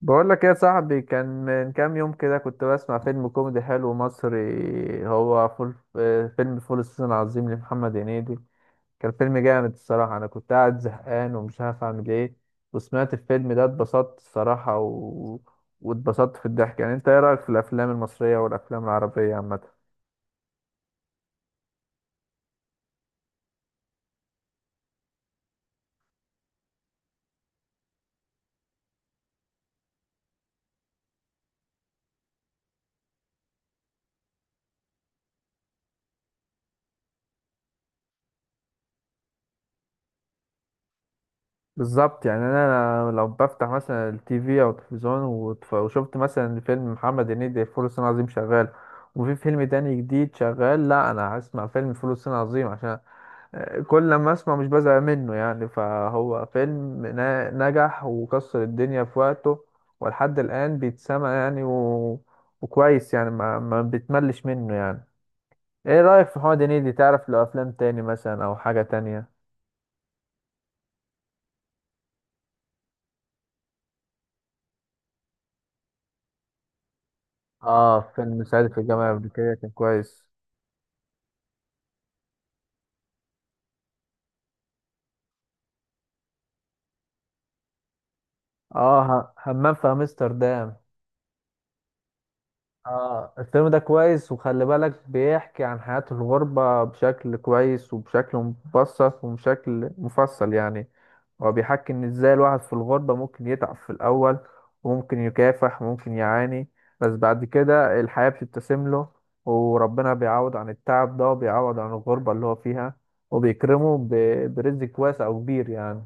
بقول لك ايه يا صاحبي؟ كان من كام يوم كده كنت بسمع فيلم كوميدي حلو مصري، هو فول فيلم فول الصين العظيم لمحمد هنيدي. كان فيلم جامد الصراحة. انا كنت قاعد زهقان ومش عارف اعمل ايه، وسمعت الفيلم ده اتبسطت الصراحة واتبسطت في الضحك. انت ايه رأيك في الافلام المصرية والافلام العربية عامة؟ بالظبط، يعني انا لو بفتح مثلا التي في او التلفزيون وشفت مثلا فيلم محمد هنيدي فول الصين العظيم شغال، وفي فيلم تاني جديد شغال، لا انا هسمع فيلم فول الصين العظيم، عشان كل لما اسمع مش بزهق منه. يعني فهو فيلم نجح وكسر الدنيا في وقته، ولحد الان بيتسمع وكويس يعني. ما بتملش منه يعني. ايه رأيك في محمد هنيدي؟ تعرف له افلام تاني مثلا او حاجة تانية؟ اه، فيلم سعيد في الجامعة الأمريكية كان كويس. اه، همام في امستردام. اه الفيلم ده كويس، وخلي بالك بيحكي عن حياة الغربة بشكل كويس وبشكل مبسط وبشكل مفصل يعني. هو بيحكي ان ازاي الواحد في الغربة ممكن يتعب في الاول، وممكن يكافح وممكن يعاني، بس بعد كده الحياة بتبتسم له، وربنا بيعوض عن التعب ده وبيعوض عن الغربة اللي هو فيها، وبيكرمه برزق واسع وكبير يعني.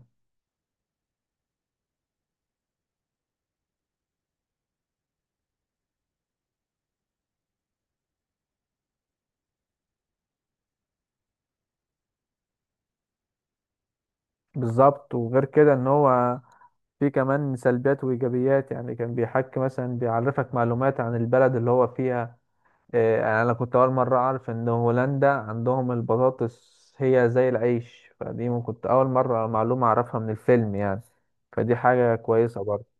بالظبط، وغير كده ان هو في كمان سلبيات وإيجابيات. يعني كان بيحكي مثلا بيعرفك معلومات عن البلد اللي هو فيها. يعني أنا كنت أول مرة أعرف إن هولندا عندهم البطاطس هي زي العيش. فدي كنت أول مرة معلومة أعرفها من الفيلم يعني، فدي حاجة كويسة برضه.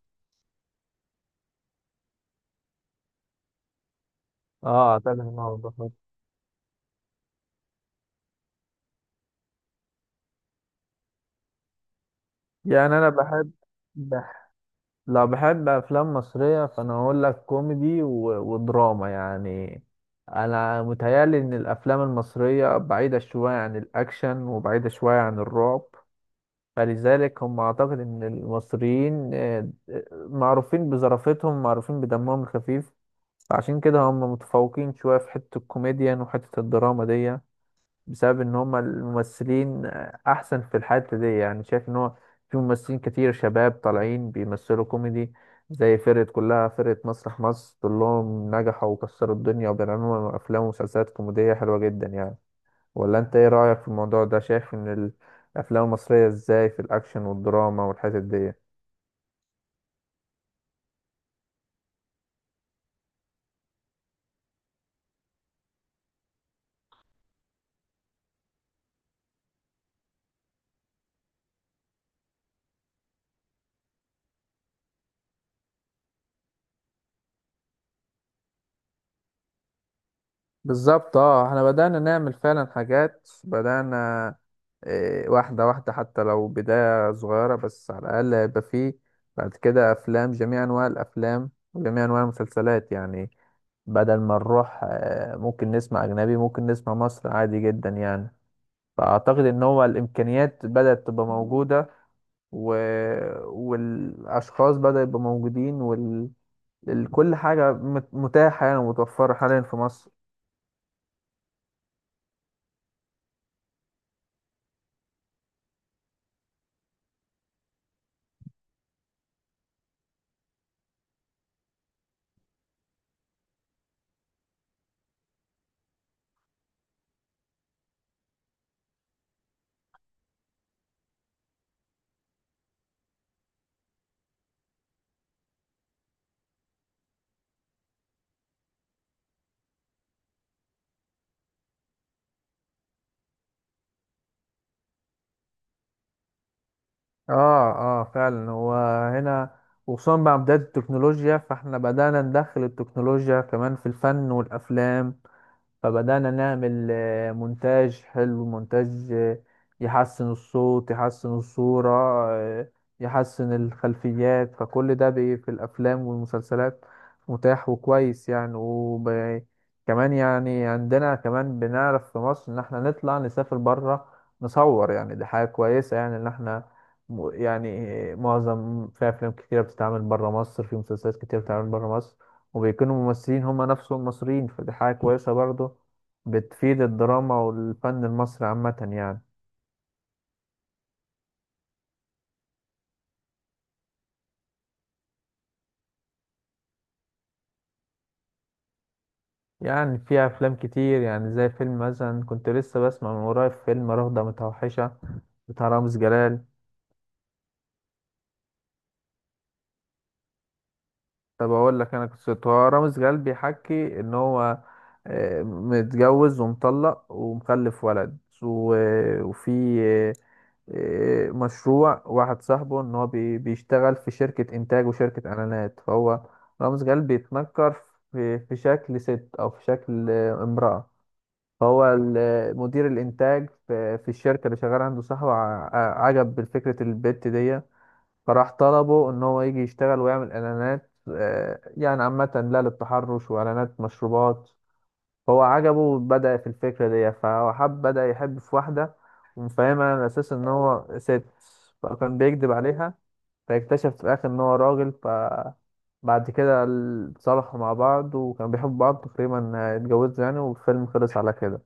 اه، أعتقد إن هو البطاطس. يعني أنا بحب، لا بحب افلام مصريه، فانا هقول لك كوميدي ودراما يعني. انا متهيالي ان الافلام المصريه بعيده شويه عن الاكشن وبعيده شويه عن الرعب، فلذلك هم اعتقد ان المصريين معروفين بظرافتهم، معروفين بدمهم الخفيف، فعشان كده هم متفوقين شويه في حته الكوميديا وحته الدراما دي، بسبب ان هم الممثلين احسن في الحتة دي. يعني شايف ان هو في ممثلين كتير شباب طالعين بيمثلوا كوميدي، زي فرقة كلها فرقة مسرح مصر كلهم نجحوا وكسروا الدنيا، وبيعملوا افلام ومسلسلات كوميدية حلوة جدا يعني. ولا انت ايه رأيك في الموضوع ده؟ شايف ان الافلام المصرية ازاي في الاكشن والدراما والحتت دي؟ بالظبط، اه احنا بدأنا نعمل فعلا حاجات، بدأنا واحدة واحدة، حتى لو بداية صغيرة، بس على الأقل هيبقى فيه بعد كده أفلام، جميع أنواع الأفلام وجميع أنواع المسلسلات يعني. بدل ما نروح ممكن نسمع أجنبي، ممكن نسمع مصر عادي جدا يعني. فأعتقد إن هو الإمكانيات بدأت تبقى موجودة و... والأشخاص بدأوا يبقوا موجودين كل حاجة متاحة يعني ومتوفرة حاليا في مصر. اه اه فعلا، هو هنا. وخصوصا مع بداية التكنولوجيا، فاحنا بدأنا ندخل التكنولوجيا كمان في الفن والأفلام، فبدأنا نعمل مونتاج حلو، مونتاج يحسن الصوت، يحسن الصورة، آه، يحسن الخلفيات. فكل ده في الأفلام والمسلسلات متاح وكويس يعني. كمان يعني عندنا كمان بنعرف في مصر إن احنا نطلع نسافر برا نصور، يعني دي حاجة كويسة يعني، إن احنا يعني معظم في أفلام كتيرة بتتعمل برا مصر، في مسلسلات كتيرة بتتعمل برا مصر، وبيكونوا ممثلين هما نفسهم مصريين، فدي حاجة كويسة برضه، بتفيد الدراما والفن المصري عامة يعني. يعني في أفلام كتير، يعني زي فيلم مثلا كنت لسه بسمع من قريب، فيلم رهضة متوحشة بتاع رامز جلال. طب أقول لك أنا قصته. هو رامز جلال بيحكي إن هو متجوز ومطلق ومخلف ولد، وفي مشروع واحد صاحبه ان هو بيشتغل في شركة انتاج وشركة اعلانات. فهو رامز جلال بيتنكر في شكل ست او في شكل امرأة. فهو مدير الانتاج في الشركة اللي شغال عنده صاحبه عجب بالفكرة البت دي، فراح طلبه ان هو يجي يشتغل ويعمل اعلانات، يعني عامة لا للتحرش واعلانات مشروبات. هو عجبه، بدأ في الفكرة دي، فهو حب، بدأ يحب في واحدة، ومفهمها على أساس إن هو ست، فكان بيكذب عليها. فاكتشف في الآخر إن هو راجل، فبعد كده اتصالحوا مع بعض وكانوا بيحبوا بعض، تقريبا اتجوزوا يعني، والفيلم خلص على كده.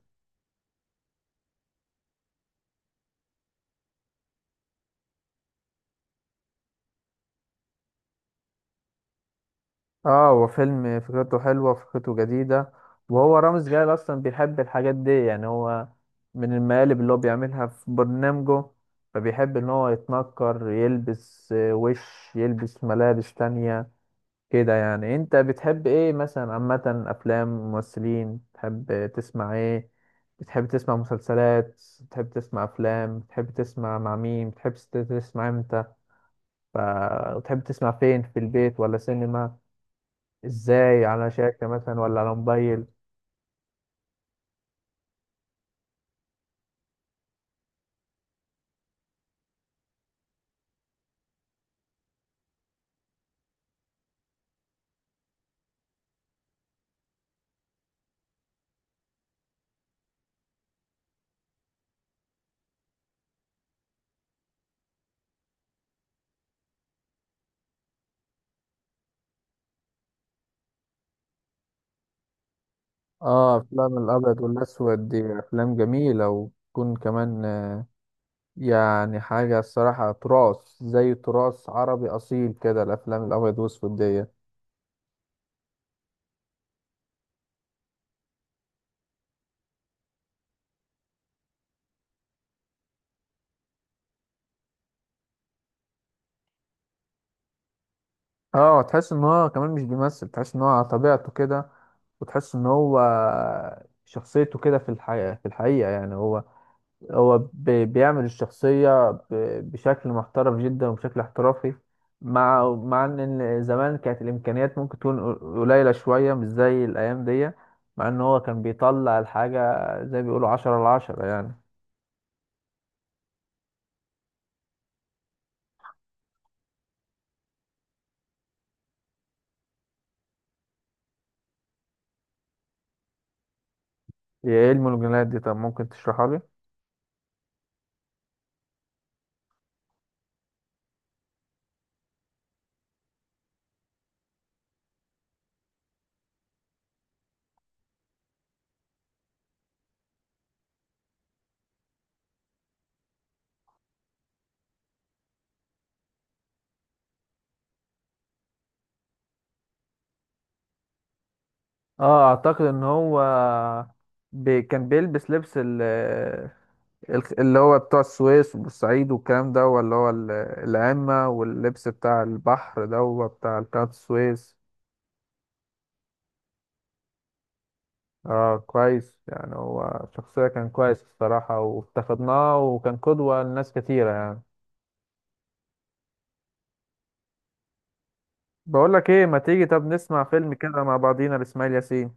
اه، هو فيلم فكرته حلوة، فكرته جديدة. وهو رامز جلال أصلا بيحب الحاجات دي يعني، هو من المقالب اللي هو بيعملها في برنامجه، فبيحب إن هو يتنكر، يلبس وش، يلبس ملابس تانية كده يعني. أنت بتحب إيه مثلا عامة؟ أفلام ممثلين، بتحب تسمع إيه؟ بتحب تسمع مسلسلات، بتحب تسمع أفلام، بتحب تسمع مع مين، بتحب تسمع إمتى، ف- بتحب تسمع فين، في البيت ولا سينما، ازاي، على شاشة مثلا ولا على موبايل؟ اه افلام الابيض والاسود دي افلام جميله، وتكون كمان يعني حاجه الصراحه تراث، زي تراث عربي اصيل كده الافلام الابيض والاسود دي. اه، تحس ان هو كمان مش بيمثل، تحس ان هو على طبيعته كده، وتحس ان هو شخصيته كده في الحقيقه. في الحقيقه يعني هو، هو بيعمل الشخصية بشكل محترف جدا وبشكل احترافي، مع ان إن زمان كانت الامكانيات ممكن تكون قليلة شوية مش زي الايام دي، مع ان هو كان بيطلع الحاجة زي ما بيقولوا عشرة على عشرة يعني. هي ايه المونوجرامات دي؟ طب ممكن تشرحها لي؟ اه اعتقد ان هو بي كان بيلبس لبس اللي هو بتوع السويس والصعيد والكلام ده، ولا هو العمة واللبس بتاع البحر ده هو بتاع قناة السويس. اه كويس، يعني هو شخصية كان كويس الصراحة، وافتقدناه وكان قدوة لناس كتيرة يعني. بقول لك ايه، ما تيجي طب نسمع فيلم كده مع بعضينا لإسماعيل ياسين؟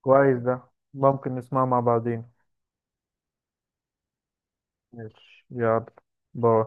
كويس ده، ممكن نسمعه مع بعضينا. ماشي، يلا، باي.